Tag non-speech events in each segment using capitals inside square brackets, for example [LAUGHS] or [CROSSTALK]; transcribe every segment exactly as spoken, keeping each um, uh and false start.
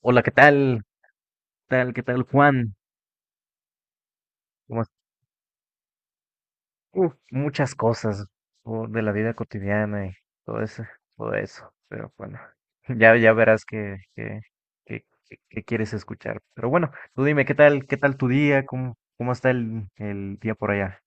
Hola, ¿qué tal? ¿Qué tal? ¿Qué tal, Juan? ¿Cómo es- Uf, muchas cosas o de la vida cotidiana y todo eso, todo eso. Pero bueno, [LAUGHS] ya, ya verás que, que, que- que- que quieres escuchar. Pero bueno, tú dime, ¿qué tal? ¿Qué tal tu día? ¿Cómo, cómo está el, el día por allá?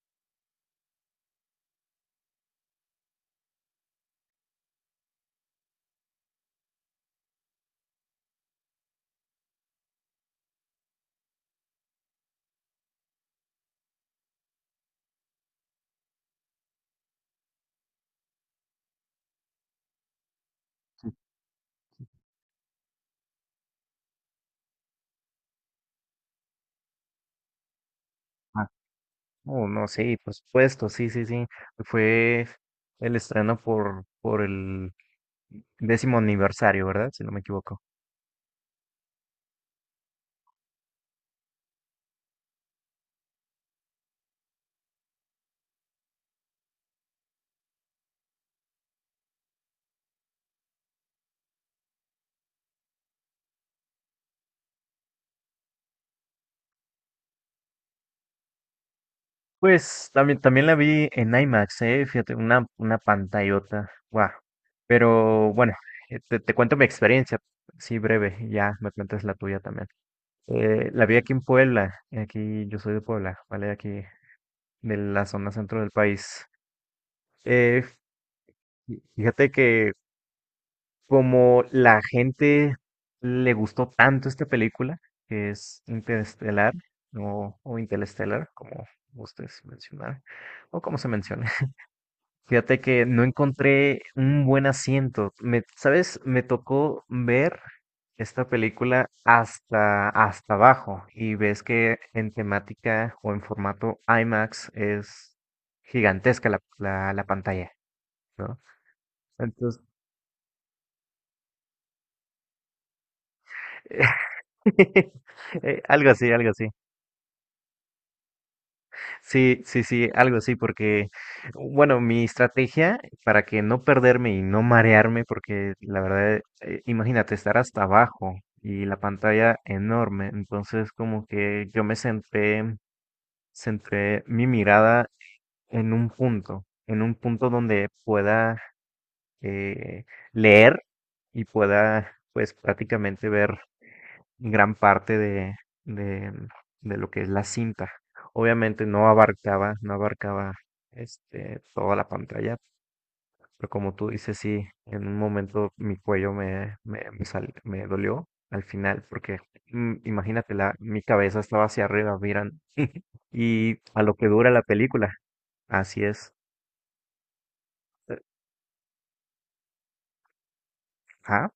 Ah, oh, no, sí, por supuesto, sí, sí, sí. Fue el estreno por, por el décimo aniversario, ¿verdad? Si no me equivoco. Pues también, también la vi en IMAX, eh, fíjate, una, una pantallota, guau. Pero bueno, eh, te, te cuento mi experiencia, sí, breve, y ya me cuentas la tuya también. Eh, la vi aquí en Puebla, aquí yo soy de Puebla, ¿vale? Aquí de la zona centro del país. Eh, fí- Fíjate que como la gente le gustó tanto esta película, que es Interestelar, o, o Interestelar, como ustedes mencionaron, o como se menciona. Fíjate que no encontré un buen asiento. Me, ¿sabes? Me tocó ver esta película hasta, hasta abajo y ves que en temática o en formato IMAX es gigantesca la, la, la pantalla, ¿no? Entonces, [LAUGHS] eh, algo así, algo así. Sí, sí, sí, algo así, porque, bueno, mi estrategia para que no perderme y no marearme, porque la verdad, eh, imagínate estar hasta abajo y la pantalla enorme, entonces como que yo me centré, centré mi mirada en un punto, en un punto donde pueda eh, leer y pueda, pues, prácticamente ver gran parte de, de, de lo que es la cinta. Obviamente no abarcaba, no abarcaba este, toda la pantalla, pero como tú dices, sí, en un momento mi cuello me, me, me, sal- me dolió al final, porque mm, imagínate, la, mi cabeza estaba hacia arriba, miran, y a lo que dura la película, así es. Eh, Ah,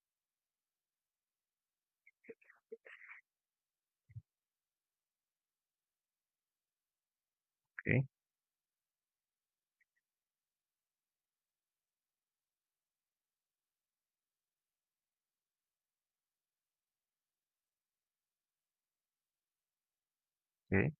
ok, ok,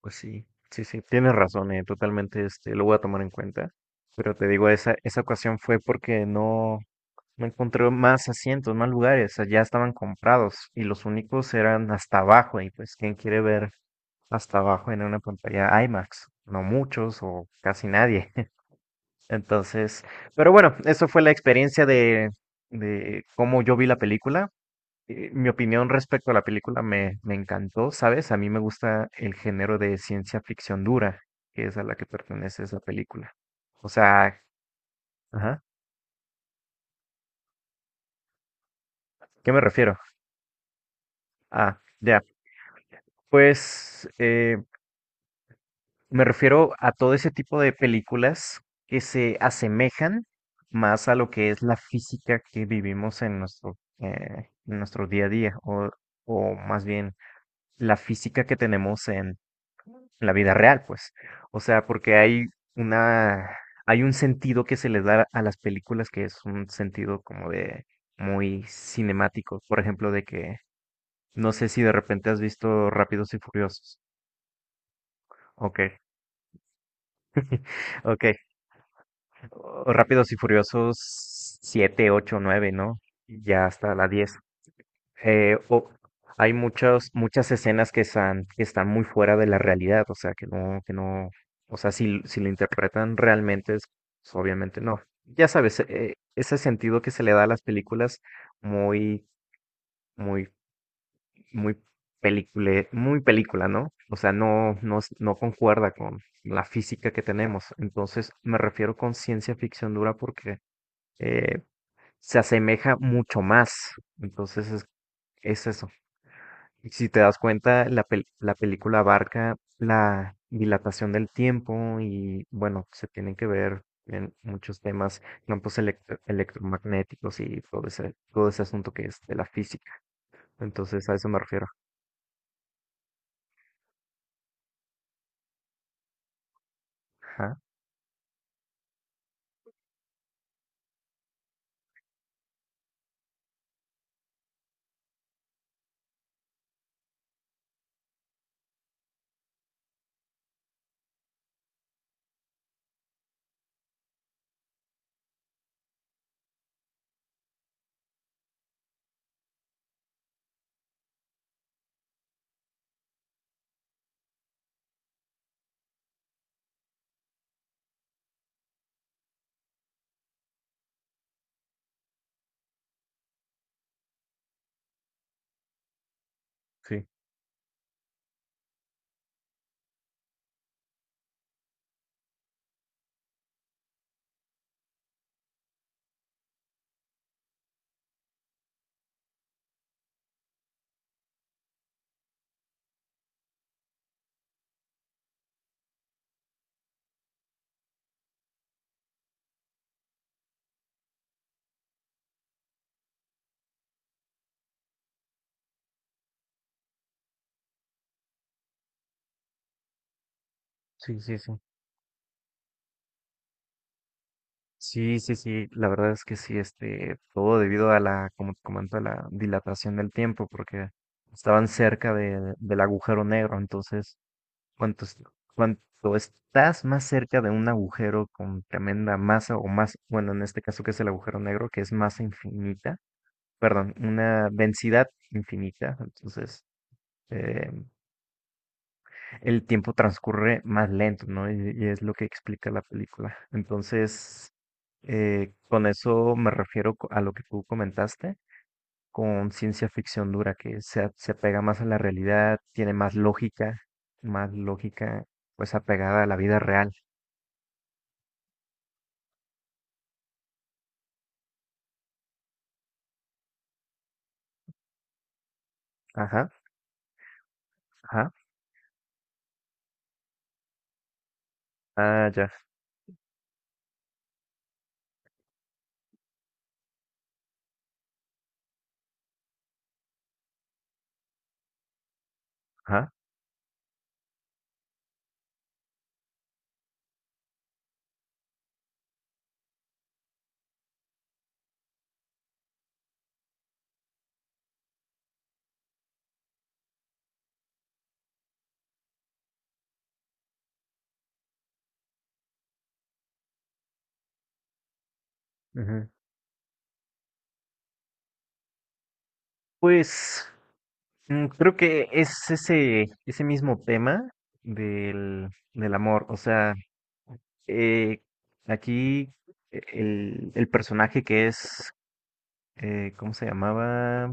pues sí, sí, sí, tienes razón, eh, totalmente, este, lo voy a tomar en cuenta. Pero te digo, esa, esa ocasión fue porque no, me encontré más asientos, más lugares, allá estaban comprados y los únicos eran hasta abajo y pues quién quiere ver hasta abajo en una pantalla IMAX, no muchos o casi nadie. [LAUGHS] Entonces, pero bueno, eso fue la experiencia de, de cómo yo vi la película. Eh, Mi opinión respecto a la película me, me encantó, ¿sabes? A mí me gusta el género de ciencia ficción dura, que es a la que pertenece esa película. O sea, ajá, ¿qué me refiero? Ah, ya, pues, eh, me refiero a todo ese tipo de películas que se asemejan más a lo que es la física que vivimos en nuestro, eh, en nuestro día a día, o, o más bien la física que tenemos en la vida real, pues. O sea, porque hay una, hay un sentido que se les da a las películas que es un sentido como de muy cinemático. Por ejemplo, de que no sé si de repente has visto Rápidos y Furiosos. Ok, ok. O Rápidos y Furiosos siete, ocho, nueve, ¿no? Y ya hasta la diez. Eh, o- Hay muchas, muchas escenas que están, que están muy fuera de la realidad, o sea, que no, que no, o sea, si, l- si lo interpretan realmente, es- pues, obviamente no. Ya sabes, eh, ese sentido que se le da a las películas muy, muy, muy película, muy película, ¿no? O sea, no, no, s- no concuerda con la física que tenemos. Entonces, me refiero con ciencia ficción dura porque eh, se asemeja mucho más. Entonces es, es eso. Y si te das cuenta, la, pel- la película abarca la dilatación del tiempo y bueno, se tienen que ver en muchos temas, campos electro- electromagnéticos y todo ese, todo ese asunto que es de la física. Entonces a eso me refiero. Ajá, sí, sí, sí, sí. Sí, sí, sí, la verdad es que sí, este, todo debido a la, como te comento, a la dilatación del tiempo, porque estaban cerca de- del agujero negro, entonces Cuantos- Cuanto estás más cerca de un agujero con tremenda masa o más, bueno, en este caso que es el agujero negro, que es masa infinita, perdón, una densidad infinita, entonces eh, el tiempo transcurre más lento, ¿no? Y, y es lo que explica la película. Entonces, eh, con eso me refiero co- a lo que tú comentaste, con ciencia ficción dura, que se, a- se apega más a la realidad, tiene más lógica, más lógica, pues apegada a la vida real. Ajá, ajá, ah, ya, ajá. Ujú. Pues mm, creo que es ese, ese mismo tema del, del amor. O sea, eh, aquí eh, el, el personaje que es, eh, ¿cómo se llamaba?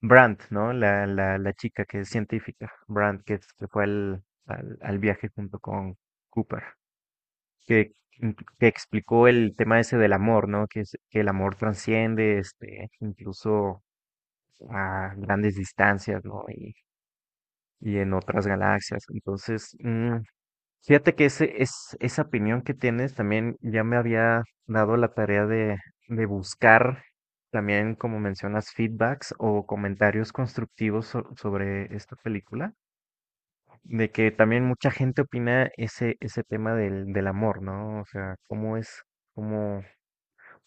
Brandt, ¿no? La, la, la chica que es científica, Brandt, que se fue al, al, al viaje junto con Cooper, que, mm, que explicó el tema ese del amor, ¿no? Que, es- que el amor trasciende, este, incluso a grandes distancias, ¿no? Y, y en otras galaxias. Entonces, mm, fíjate que ese, es, esa opinión que tienes también ya me había dado la tarea de, de buscar también, como mencionas, feedbacks o comentarios constructivos so- sobre esta película, de que también mucha gente opina ese, ese tema del, del amor, ¿no? O sea, cómo es, cómo,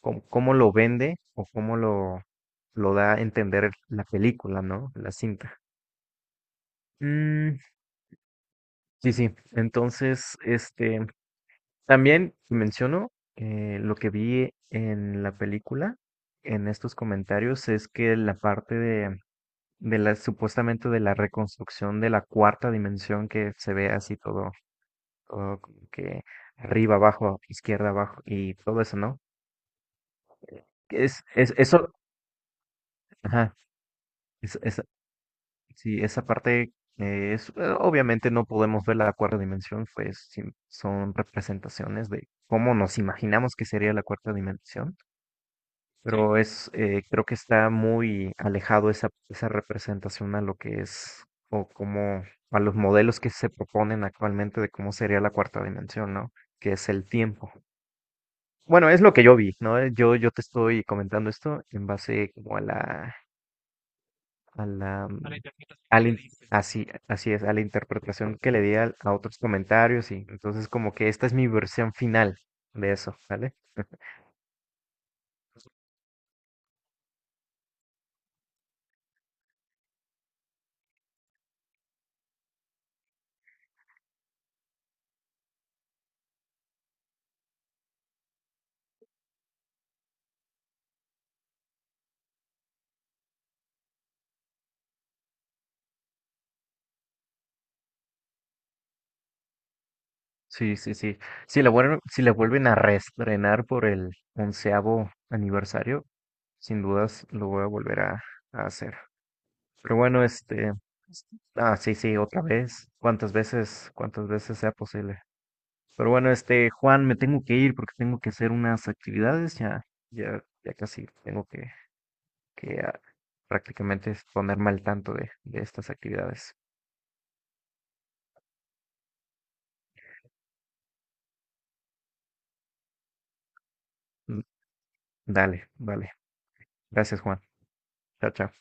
cómo, cómo lo vende o cómo lo, lo da a entender la película, ¿no? La cinta. Mm. Sí, sí. Entonces, este, también menciono eh, lo que vi en la película, en estos comentarios, es que la parte de, de la, supuestamente de la reconstrucción de la cuarta dimensión que se ve así todo, todo como que arriba, abajo, izquierda, abajo y todo eso, ¿no? Es, es, eso, ajá, es- es- Sí, esa parte eh, es, eh, obviamente no podemos ver la cuarta dimensión, pues sim- son representaciones de cómo nos imaginamos que sería la cuarta dimensión. Sí. Pero es, eh, creo que está muy alejado esa, esa representación a lo que es o como a los modelos que se proponen actualmente de cómo sería la cuarta dimensión, ¿no? Que es el tiempo. Bueno, es lo que yo vi, ¿no? Yo, yo te estoy comentando esto en base como a la a la, a la mm, interpretación al que le in- diste. Así, así es, a la interpretación que le di al- a otros comentarios y entonces como que esta es mi versión final de eso, ¿vale? Sí, sí, sí. Si la vuelven, si la vuelven a reestrenar por el onceavo aniversario, sin dudas lo voy a volver a, a hacer. Pero bueno, este, ah, sí, sí, otra vez, cuántas veces, cuántas veces sea posible. Pero bueno, este, Juan, me tengo que ir porque tengo que hacer unas actividades, ya, ya, ya casi tengo que que ah, prácticamente es ponerme al tanto de, de estas actividades. Mm. Dale, vale. Gracias, Juan. Chao, chao.